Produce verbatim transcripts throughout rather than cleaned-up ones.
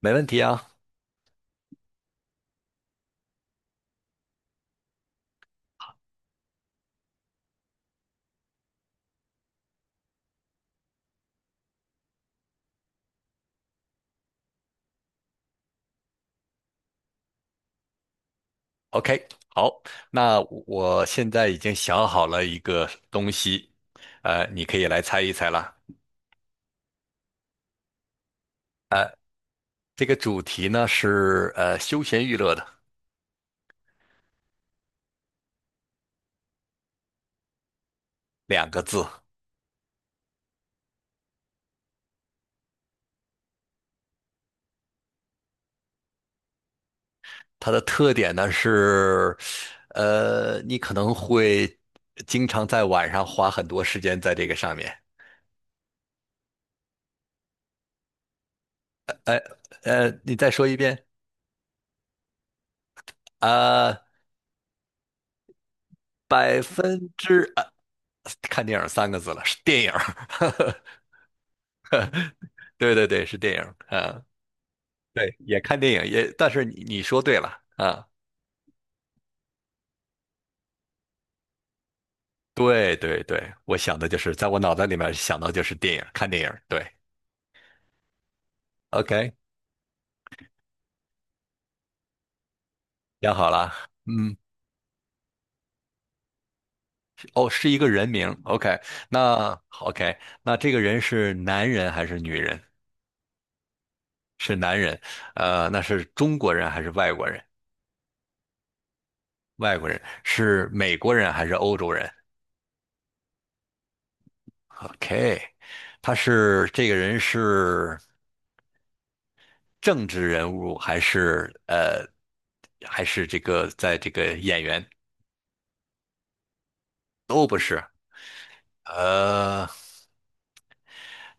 没问题啊。OK，好，那我现在已经想好了一个东西，呃，你可以来猜一猜了。呃，这个主题呢是呃休闲娱乐的两个字，它的特点呢是呃你可能会经常在晚上花很多时间在这个上面。呃呃，你再说一遍啊，百分之呃看电影三个字了，是电影儿。对对对，是电影啊。呃对，也看电影，也，但是你你说对了啊，对对对，我想的就是在我脑袋里面想到就是电影，看电影，对。OK,想好了，嗯，哦，是一个人名，OK,那 OK,那这个人是男人还是女人？是男人。呃，那是中国人还是外国人？外国人是美国人还是欧洲人？OK,他是这个人是政治人物还是呃还是这个在这个演员？都不是。呃，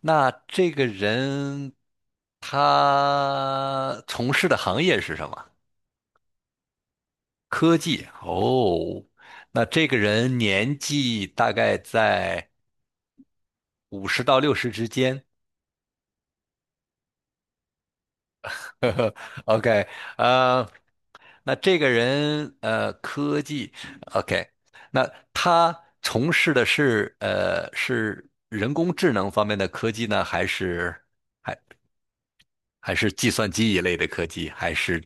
那这个人他从事的行业是什么？科技。哦，那这个人年纪大概在五十到六十之间。呵呵 OK。呃，那这个人呃，科技，OK,那他从事的是呃是人工智能方面的科技呢，还是？还？还是计算机一类的科技，还是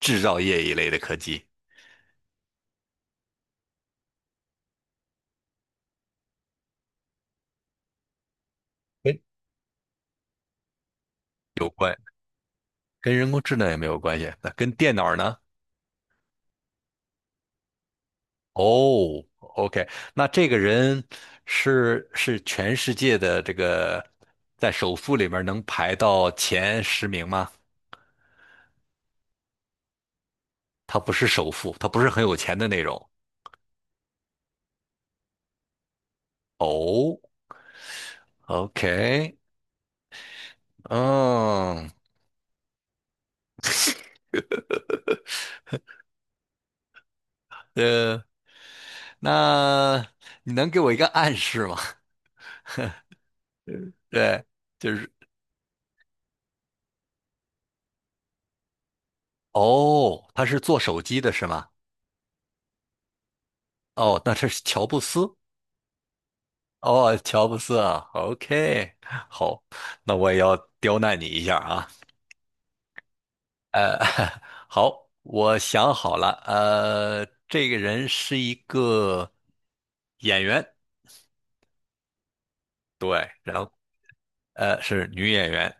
制造业一类的科技。诶有关，跟人工智能也没有关系。那跟电脑呢？哦，OK,那这个人是是全世界的这个在首富里面能排到前十名吗？他不是首富，他不是很有钱的那种。哦，OK,嗯。呃，那你能给我一个暗示吗？对，就是。哦，他是做手机的是吗？哦，那这是乔布斯。哦，乔布斯啊，OK,好，那我也要刁难你一下啊。呃，好，我想好了。呃，这个人是一个演员，对，然后呃是女演员，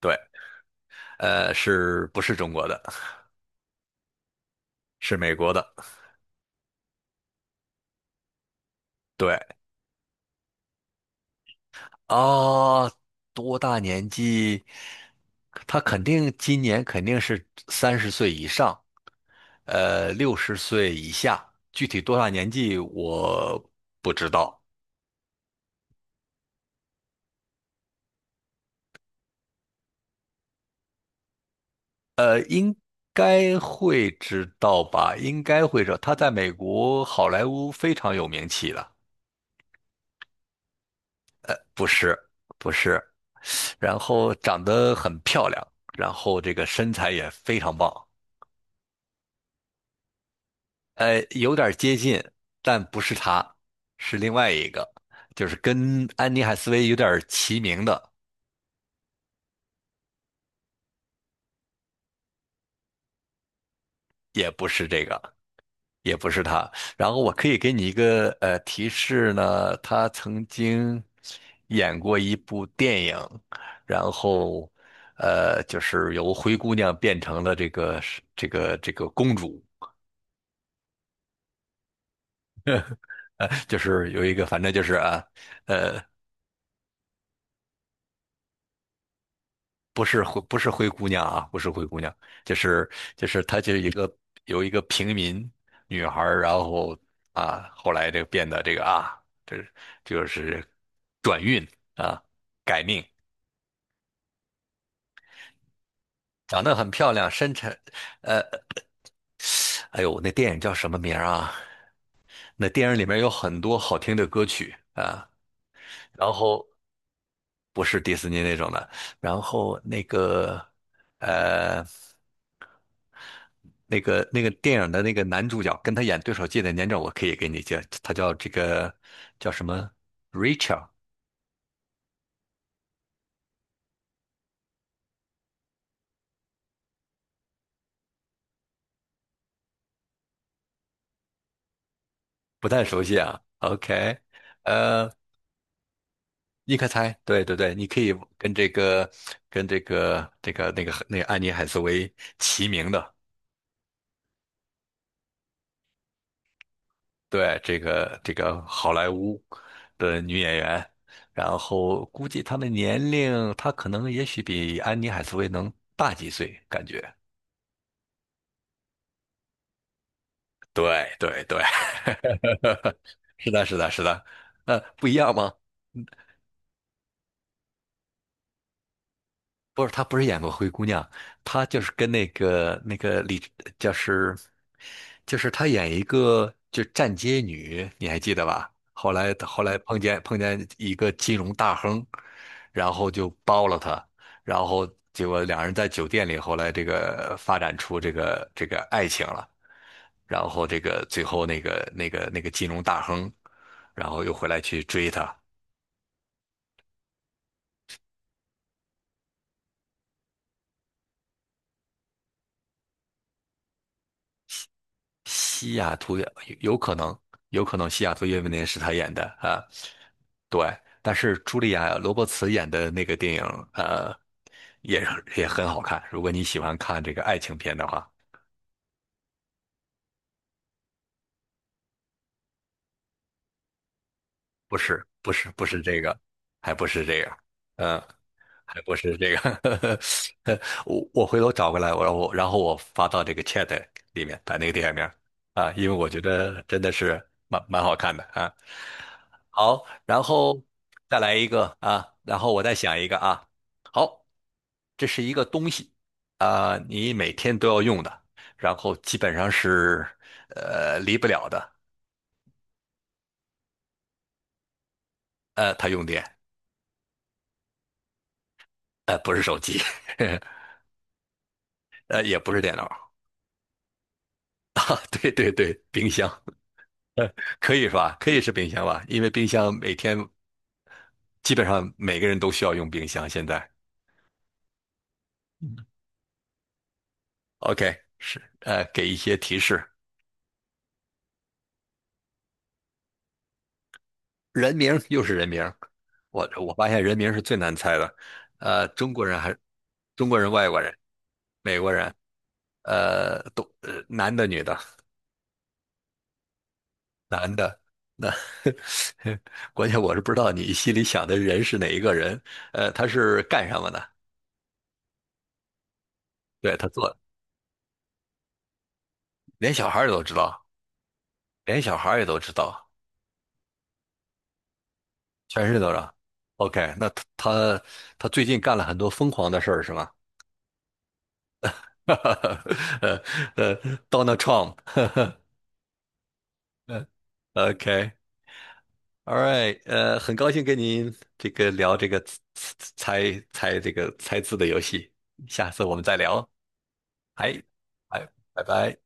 对。呃是不是中国的？是美国的，对，啊，多大年纪？他肯定今年肯定是三十岁以上。呃，六十岁以下，具体多大年纪我不知道，该会知道吧？应该会知道。他在美国好莱坞非常有名气的，不是，不是。然后长得很漂亮，然后这个身材也非常棒。呃，有点接近，但不是他，是另外一个，就是跟安妮海瑟薇有点齐名的，也不是这个。也不是他。然后我可以给你一个呃提示呢，他曾经演过一部电影，然后呃就是由灰姑娘变成了这个是这个这个公主，呃就是有一个反正就是啊呃不是灰不是灰姑娘啊不是灰姑娘，就是就是她就是一个有一个平民女孩儿，然后啊后来这个变得这个啊这这就是转运啊改命。长得很漂亮，身材。呃，哎呦，那电影叫什么名儿啊？那电影里面有很多好听的歌曲啊，然后不是迪士尼那种的，然后那个。呃，那个那个电影的那个男主角跟他演对手戏的年长，我可以给你介，他叫这个叫什么？Rachel。不太熟悉啊。OK。呃，你可猜？对对对，你可以跟这个跟这个这个那个那个安妮海瑟薇齐名的。对，这个这个好莱坞的女演员，然后估计她的年龄，她可能也许比安妮海瑟薇能大几岁，感觉。对对对，是的，是的，是的。呃，不一样吗？不是，她不是演过灰姑娘，她就是跟那个那个李，就是就是她演一个就站街女，你还记得吧？后来后来碰见碰见一个金融大亨，然后就包了她，然后结果两人在酒店里，后来这个发展出这个这个爱情了，然后这个最后那个那个那个金融大亨，然后又回来去追她，西雅图也有有可能，有可能西雅图夜未眠是他演的啊，对。但是茱莉亚·罗伯茨演的那个电影，呃，也也很好看。如果你喜欢看这个爱情片的话，不是，不是，不是这个，还不是这个，嗯，还不是这个，我我回头找过来，我然后然后我发到这个 chat 里面，把那个电影名儿啊，因为我觉得真的是蛮蛮好看的啊。好，然后再来一个啊，然后我再想一个啊。好，这是一个东西啊，你每天都要用的，然后基本上是呃离不了的。呃，它用电。呃，不是手机。呃，也不是电脑啊，对对对，冰箱可以是吧？可以是冰箱吧，因为冰箱每天基本上每个人都需要用冰箱。现在，OK,是呃，给一些提示，人名又是人名，我我发现人名是最难猜的。呃，中国人还中国人、外国人、美国人。呃，都呃男的、女的、男的。那 关键我是不知道你心里想的人是哪一个人。呃，他是干什么的？对，他做，连小孩儿都知道，连小孩儿也都知道，全世界都知道。OK,那他他他最近干了很多疯狂的事儿是吗？呃呃，Donald Trump,嗯OK，All right。呃，很高兴跟您这个聊这个猜猜这个猜字的游戏，下次我们再聊。哎，哎，拜拜。